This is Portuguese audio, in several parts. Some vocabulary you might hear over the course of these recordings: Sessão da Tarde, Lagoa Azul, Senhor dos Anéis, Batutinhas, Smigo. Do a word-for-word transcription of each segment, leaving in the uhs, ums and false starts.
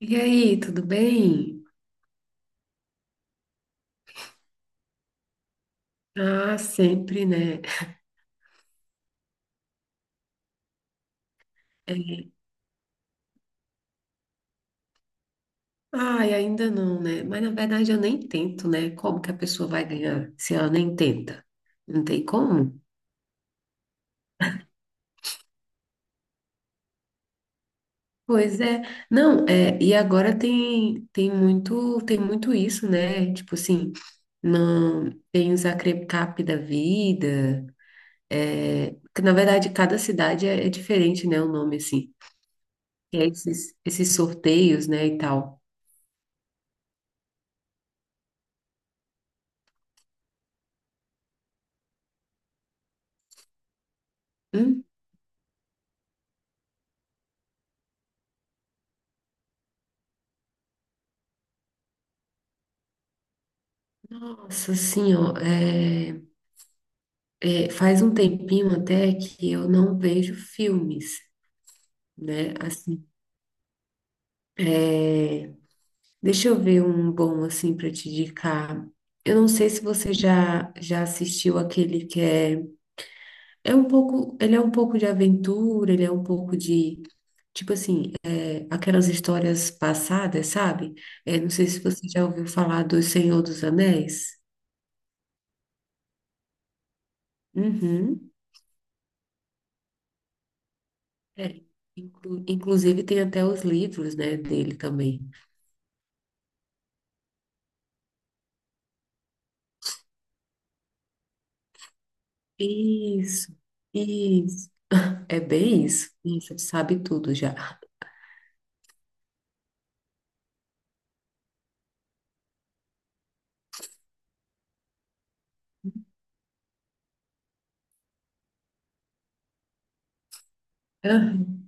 E aí, tudo bem? Ah, sempre, né? É. Ai, ainda não, né? Mas na verdade eu nem tento, né? Como que a pessoa vai ganhar se ela nem tenta? Não tem como? Pois é. Não, é, e agora tem tem muito tem muito isso, né? Tipo assim, não tem os acrecap da vida, é, que na verdade cada cidade é, é diferente, né? O nome assim. E aí esses esses sorteios, né, e tal. Nossa, assim, ó, é, é, faz um tempinho até que eu não vejo filmes, né? Assim, deixa eu ver um bom assim para te indicar. Eu não sei se você já já assistiu aquele que é é um pouco, ele é um pouco de aventura, ele é um pouco de tipo assim, é, aquelas histórias passadas, sabe? É, não sei se você já ouviu falar do Senhor dos Anéis. Uhum. É. Inclu- Inclusive tem até os livros, né, dele também. Isso, isso. É bem isso. Nossa, sabe tudo já. Aham.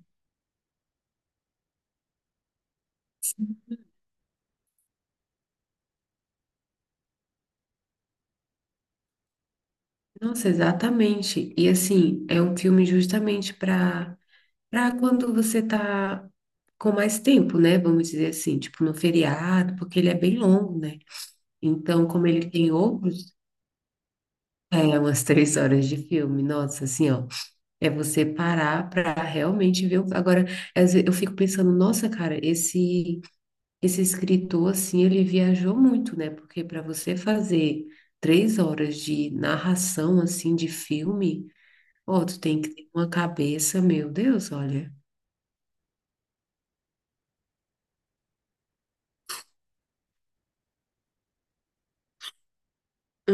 Nossa, exatamente. E assim, é um filme justamente para para quando você tá com mais tempo, né? Vamos dizer assim, tipo no feriado, porque ele é bem longo, né? Então, como ele tem outros, é umas três horas de filme, nossa, assim, ó, é você parar para realmente ver. o- Agora, às ve- eu fico pensando, nossa, cara, esse esse escritor, assim, ele viajou muito, né? Porque para você fazer três horas de narração, assim, de filme, ó, tu tem que ter uma cabeça, meu Deus, olha.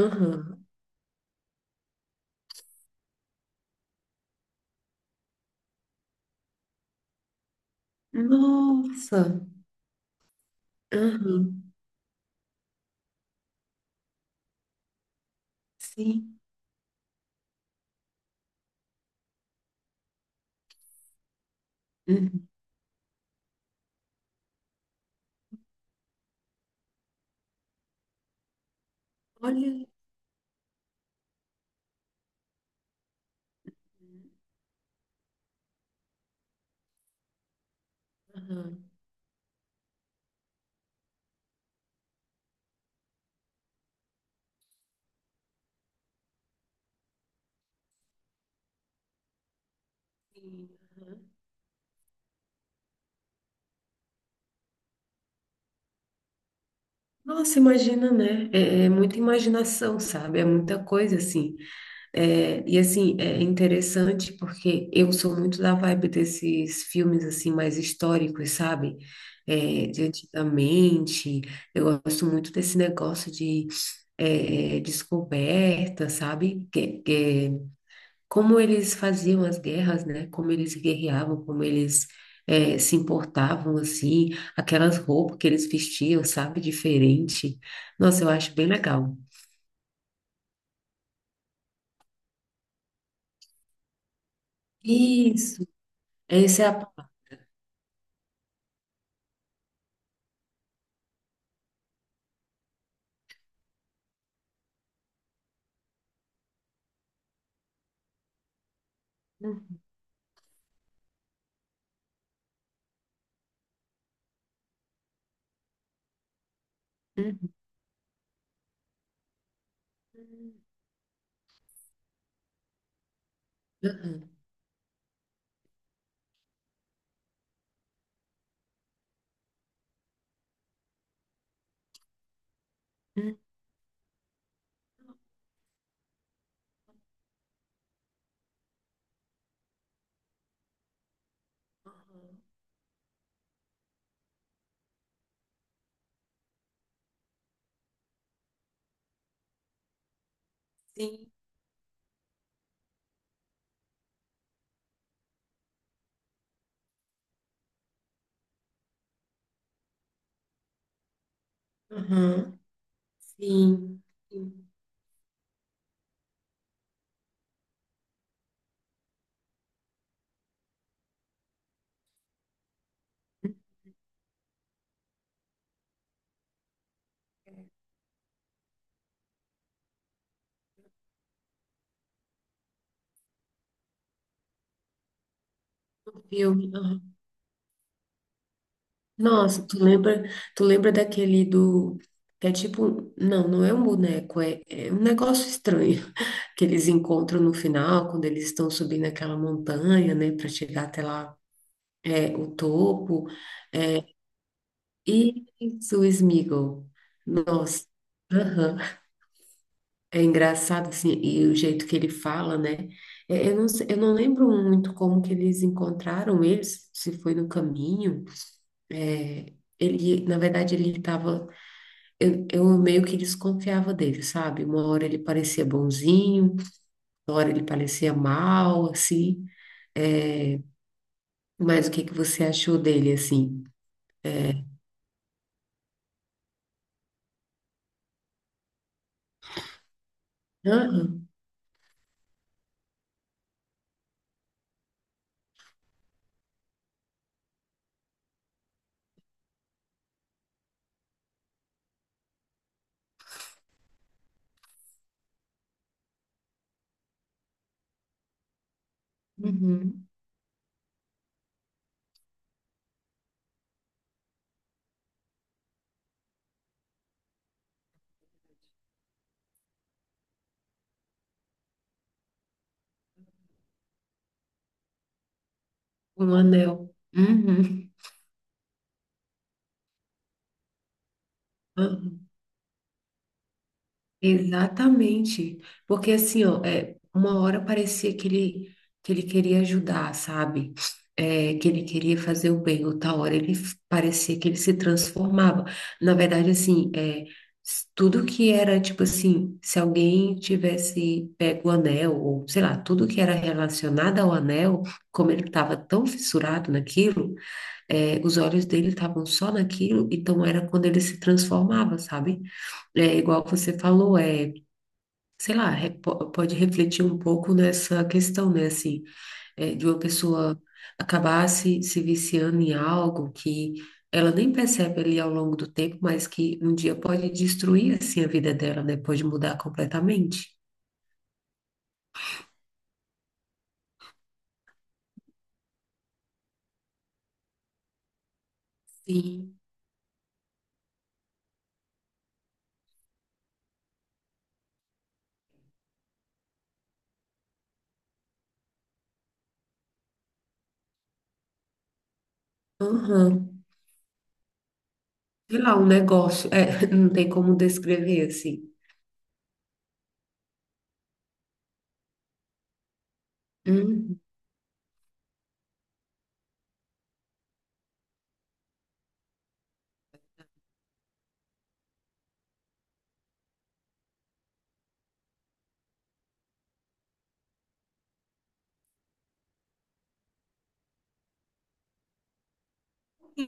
Aham. Nossa! Aham. Sim. Uhum. Olha, aham, sim, aham. Nossa, imagina, né? É, é muita imaginação, sabe? É muita coisa assim. É, e assim, é interessante porque eu sou muito da vibe desses filmes assim mais históricos, sabe? É, de antigamente, eu gosto muito desse negócio de é, descoberta, sabe? Que- que- como eles faziam as guerras, né? Como eles guerreavam, como eles é, se importavam, assim, aquelas roupas que eles vestiam, sabe? Diferente. Nossa, eu acho bem legal. Isso, essa é a palavra. Uhum. Uhum. Sim, uhum. Sim, sim. Um filme. Uhum. Nossa, tu lembra, tu lembra daquele do que é tipo, não, não é um boneco, é, é um negócio estranho que eles encontram no final, quando eles estão subindo aquela montanha, né, para chegar até lá, é o topo. Isso, Smigo. Nossa. É engraçado, assim, e o jeito que ele fala, né? É, Eu não, sei- eu não lembro muito como que eles encontraram eles, se foi no caminho. É, ele, na verdade, ele estava... Eu, eu meio que desconfiava dele, sabe? Uma hora ele parecia bonzinho, uma hora ele parecia mal, assim. Mas o que que você achou dele, assim? Aham, uhum, um anel. Uhum. Exatamente. Porque assim, ó, é, uma hora parecia que ele, que ele queria ajudar, sabe? É, que ele queria fazer o bem, outra hora ele f- parecia que ele se transformava. Na verdade, assim, é, s- tudo que era, tipo assim, se alguém tivesse pego o anel, ou sei lá, tudo que era relacionado ao anel, como ele estava tão fissurado naquilo, é, os olhos dele estavam só naquilo, então era quando ele se transformava, sabe? É igual você falou, é, sei lá, re- po- pode refletir um pouco nessa questão, né? Assim, é, de uma pessoa acabar se, se viciando em algo que ela nem percebe ali ao longo do tempo, mas que um dia pode destruir, assim, a vida dela, né? Pode mudar completamente. Sim. Aham. Sei lá, um negócio. É, não tem como descrever, assim.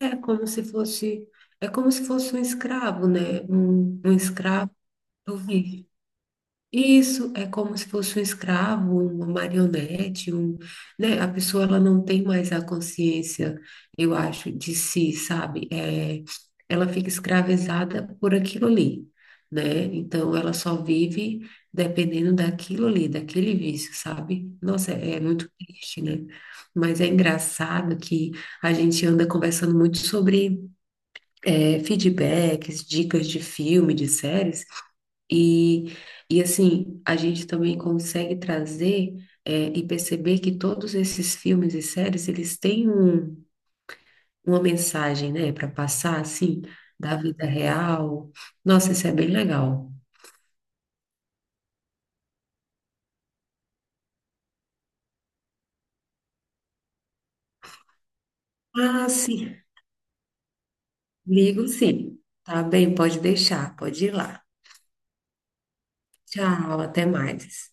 É como se fosse, é como se fosse um escravo, né? Um, um escravo. Eu vi. Isso é como se fosse um escravo, uma marionete, um, né? A pessoa ela não tem mais a consciência, eu acho, de si, sabe? É, ela fica escravizada por aquilo ali, né? Então ela só vive dependendo daquilo ali, daquele vício, sabe? Nossa, é, é muito triste, né? Mas é engraçado que a gente anda conversando muito sobre é, feedbacks, dicas de filme, de séries, e, e assim, a gente também consegue trazer é, e perceber que todos esses filmes e séries, eles têm um, uma mensagem, né, para passar, assim, da vida real. Nossa, isso é bem legal. Ah, sim, ligo sim. Tá bem, pode deixar, pode ir lá. Tchau, até mais.